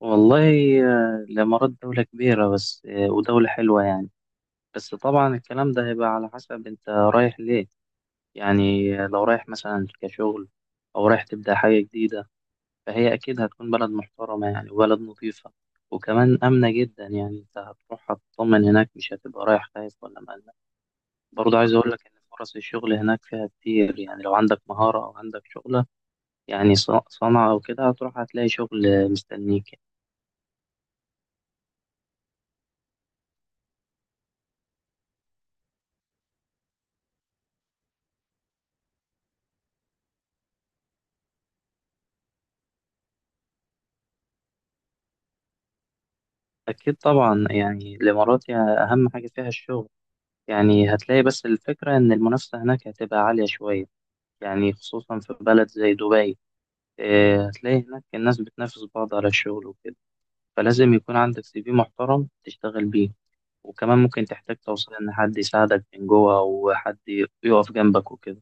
والله الإمارات دولة كبيرة بس ودولة حلوة يعني. بس طبعا الكلام ده هيبقى على حسب أنت رايح ليه. يعني لو رايح مثلا كشغل أو رايح تبدأ حاجة جديدة فهي أكيد هتكون بلد محترمة يعني وبلد نظيفة وكمان آمنة جدا، يعني أنت هتروح هتطمن هناك، مش هتبقى رايح خايف ولا مقلق. برضه عايز أقول لك إن فرص الشغل هناك فيها كتير، يعني لو عندك مهارة أو عندك شغلة يعني صنعة أو كده هتروح هتلاقي شغل مستنيك. أكيد طبعا، يعني الإمارات يعني أهم حاجة فيها الشغل، يعني هتلاقي، بس الفكرة إن المنافسة هناك هتبقى عالية شوية يعني خصوصا في بلد زي دبي. إيه، هتلاقي هناك الناس بتنافس بعض على الشغل وكده، فلازم يكون عندك سي في محترم تشتغل بيه، وكمان ممكن تحتاج توصل إن حد يساعدك من جوه أو حد يقف جنبك وكده.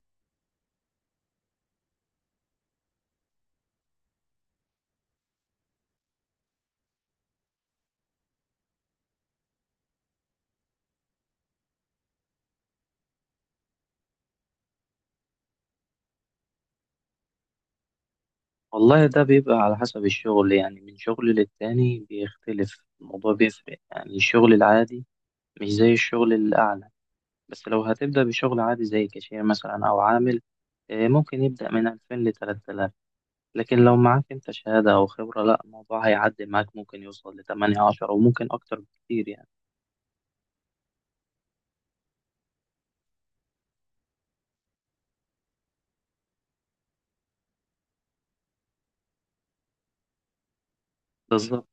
والله ده بيبقى على حسب الشغل، يعني من شغل للتاني بيختلف الموضوع، بيفرق يعني الشغل العادي مش زي الشغل الأعلى. بس لو هتبدأ بشغل عادي زي كاشير مثلا أو عامل، ممكن يبدأ من 2000 ل 3000. لكن لو معاك أنت شهادة أو خبرة، لا الموضوع هيعدي معاك، ممكن يوصل لتمانية عشرة وممكن أكتر بكتير يعني. بالظبط.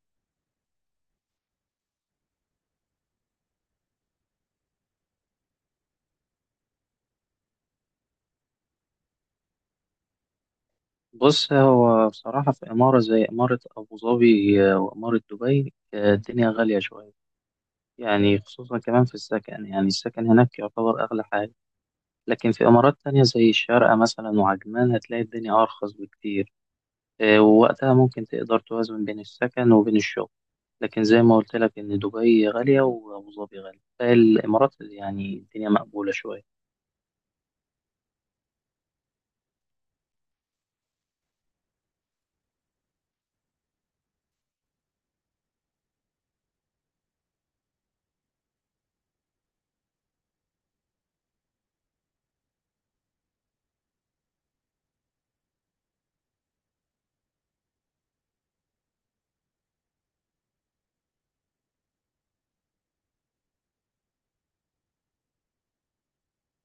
بص هو بصراحة في إمارة زي إمارة أبو ظبي وإمارة دبي الدنيا غالية شوية، يعني خصوصا كمان في السكن، يعني السكن هناك يعتبر أغلى حاجة. لكن في إمارات تانية زي الشارقة مثلا وعجمان هتلاقي الدنيا أرخص بكتير. ووقتها ممكن تقدر توازن بين السكن وبين الشغل، لكن زي ما قلت لك إن دبي غالية وأبو ظبي غالية، فالإمارات يعني الدنيا مقبولة شوية.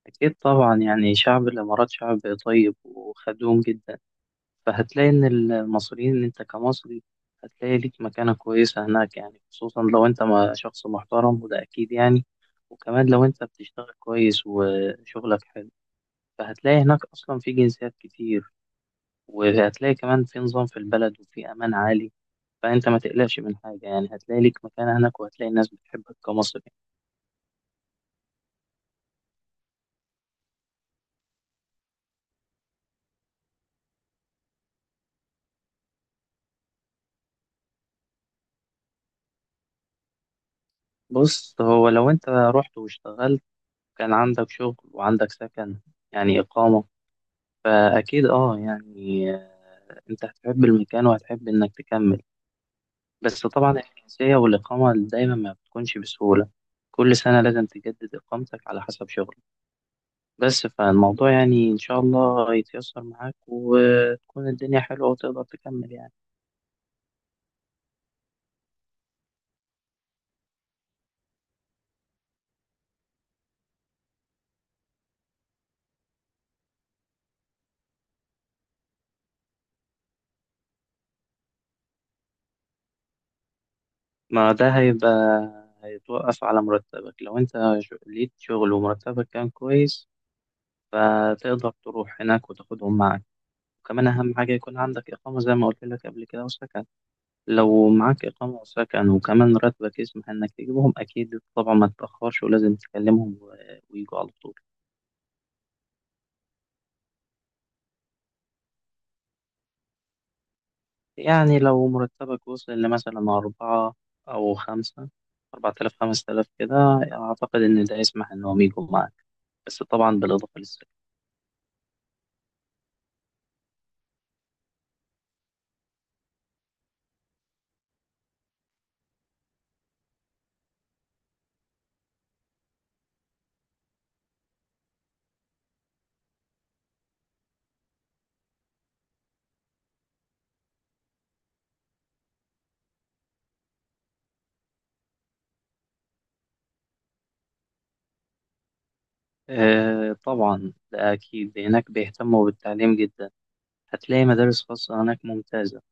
أكيد طبعا، يعني شعب الإمارات شعب طيب وخدوم جدا، فهتلاقي إن المصريين، إن أنت كمصري، هتلاقي ليك مكانة كويسة هناك يعني، خصوصا لو أنت شخص محترم، وده أكيد يعني، وكمان لو أنت بتشتغل كويس وشغلك حلو. فهتلاقي هناك أصلا في جنسيات كتير، وهتلاقي كمان في نظام في البلد وفي أمان عالي، فأنت ما تقلقش من حاجة يعني، هتلاقي ليك مكان هناك وهتلاقي الناس بتحبك كمصري. بص هو لو أنت رحت واشتغلت، كان عندك شغل وعندك سكن يعني إقامة، فأكيد أه يعني آه، أنت هتحب المكان وهتحب إنك تكمل. بس طبعا الجنسية والإقامة دايما ما بتكونش بسهولة. كل سنة لازم تجدد إقامتك على حسب شغلك. بس فالموضوع يعني إن شاء الله هيتيسر معاك، وتكون الدنيا حلوة وتقدر تكمل يعني. ما ده هيبقى هيتوقف على مرتبك. لو أنت ليك شغل ومرتبك كان كويس، فتقدر تروح هناك وتاخدهم معاك. وكمان أهم حاجة يكون عندك إقامة زي ما قلت لك قبل كده وسكن. لو معاك إقامة وسكن وكمان راتبك يسمح إنك تجيبهم، أكيد طبعا ما تتأخرش ولازم تكلمهم ويجوا على طول. يعني لو مرتبك وصل لمثلا أربعة أو خمسة، 4000 5000 كده، أعتقد إن ده يسمح إن هم يجوا معاك. بس طبعا بالإضافة للسعر. آه طبعا ده أكيد، هناك بيهتموا بالتعليم جدا. هتلاقي مدارس خاصة هناك ممتازة.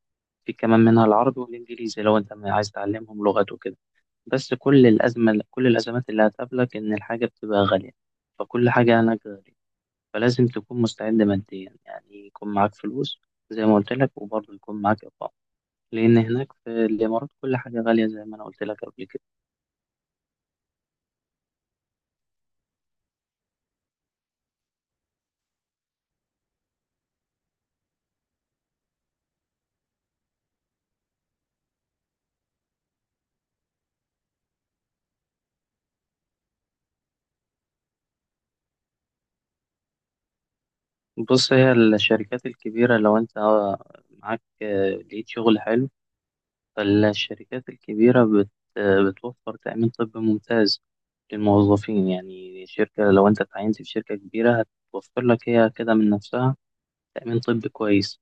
في كمان منها العربي والإنجليزي لو أنت عايز تعلمهم لغات وكده. بس كل الأزمات اللي هتقابلك إن الحاجة بتبقى غالية، فكل حاجة هناك غالية. فلازم تكون مستعد ماديا، يعني يكون معاك فلوس زي ما قلت لك، وبرضه يكون معاك إقامة، لأن هناك في الإمارات كل حاجة غالية زي ما أنا قلت لك قبل كده. بص هي الشركات الكبيرة لو أنت معاك لقيت شغل حلو، فالشركات الكبيرة بت آه، بتوفر تأمين طبي ممتاز للموظفين. يعني شركة لو أنت اتعينت في شركة كبيرة، هتوفر لك هي كده من نفسها تأمين طبي كويس.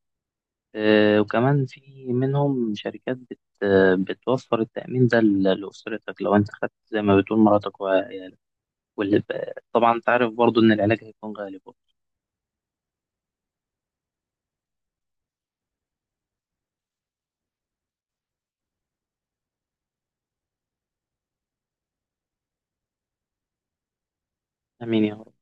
وكمان في منهم شركات بت آه، بتوفر التأمين ده لأسرتك لو أنت خدت زي ما بتقول مراتك وعيالك. واللي طبعا أنت عارف برضو إن العلاج هيكون غالي برضه. آمين يا رب.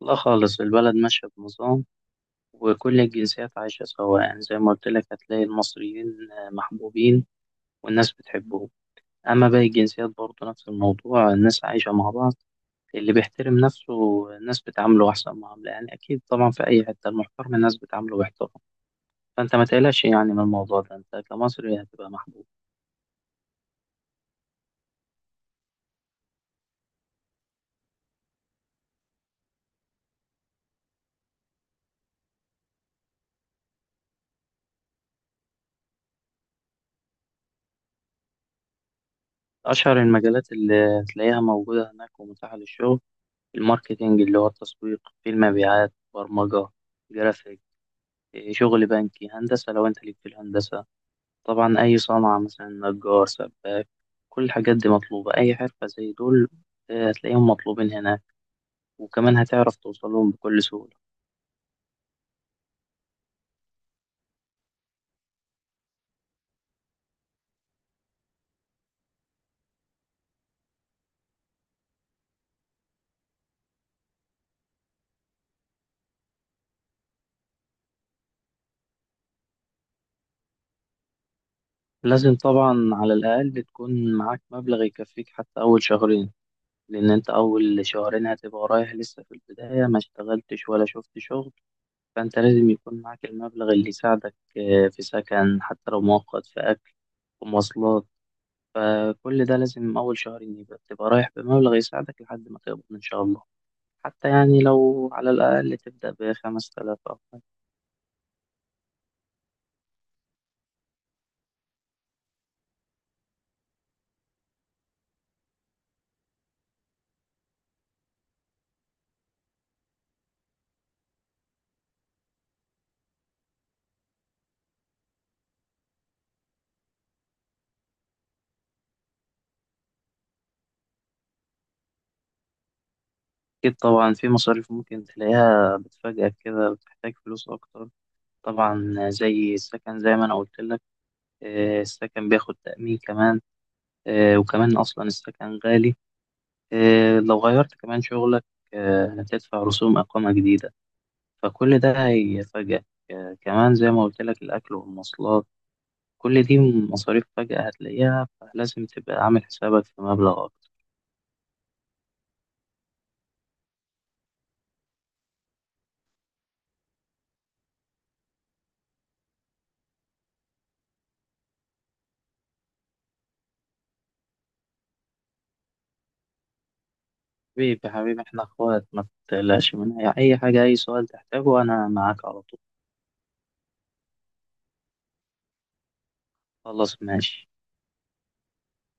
لا خالص، البلد ماشية بنظام وكل الجنسيات عايشة سوا. يعني زي ما قلت لك، هتلاقي المصريين محبوبين والناس بتحبهم. أما باقي الجنسيات برضه نفس الموضوع، الناس عايشة مع بعض. اللي بيحترم نفسه الناس بتعامله أحسن معاملة، يعني أكيد طبعا في أي حتة المحترم الناس بتعامله باحترام. فانت ما تقلقش يعني من الموضوع ده، انت كمصري هتبقى محبوب. اشهر المجالات اللي هتلاقيها موجوده هناك ومتاحه للشغل: الماركتينج اللي هو التسويق، في المبيعات، برمجه، جرافيك، إيه، شغل بنكي، هندسه لو انت ليك في الهندسه، طبعا اي صنعه مثلا نجار سباك. كل الحاجات دي مطلوبه، اي حرفه زي دول هتلاقيهم مطلوبين هناك، وكمان هتعرف توصلهم بكل سهوله. لازم طبعا على الاقل تكون معاك مبلغ يكفيك حتى اول شهرين، لأن أنت أول شهرين هتبقى رايح لسه في البداية، ما اشتغلتش ولا شفت شغل. فأنت لازم يكون معاك المبلغ اللي يساعدك في سكن حتى لو مؤقت، في أكل ومواصلات. فكل ده لازم أول شهرين يبقى تبقى رايح بمبلغ يساعدك لحد ما تقبض إن شاء الله. حتى يعني لو على الأقل تبدأ بـ5000 أو حاجة. أكيد طبعا في مصاريف ممكن تلاقيها بتفاجئك كده، بتحتاج فلوس أكتر. طبعا زي السكن زي ما أنا قلت لك، السكن بياخد تأمين كمان. وكمان أصلا السكن غالي. لو غيرت كمان شغلك، هتدفع رسوم إقامة جديدة، فكل ده هيفاجئك. كمان زي ما قلت لك الأكل والمواصلات، كل دي مصاريف فجأة هتلاقيها، فلازم تبقى عامل حسابك في مبلغ أكتر. حبيبي حبيبي، إحنا إخوات، ما تقلقش من أي حاجة. أي سؤال تحتاجه أنا معاك على طول. خلاص ماشي.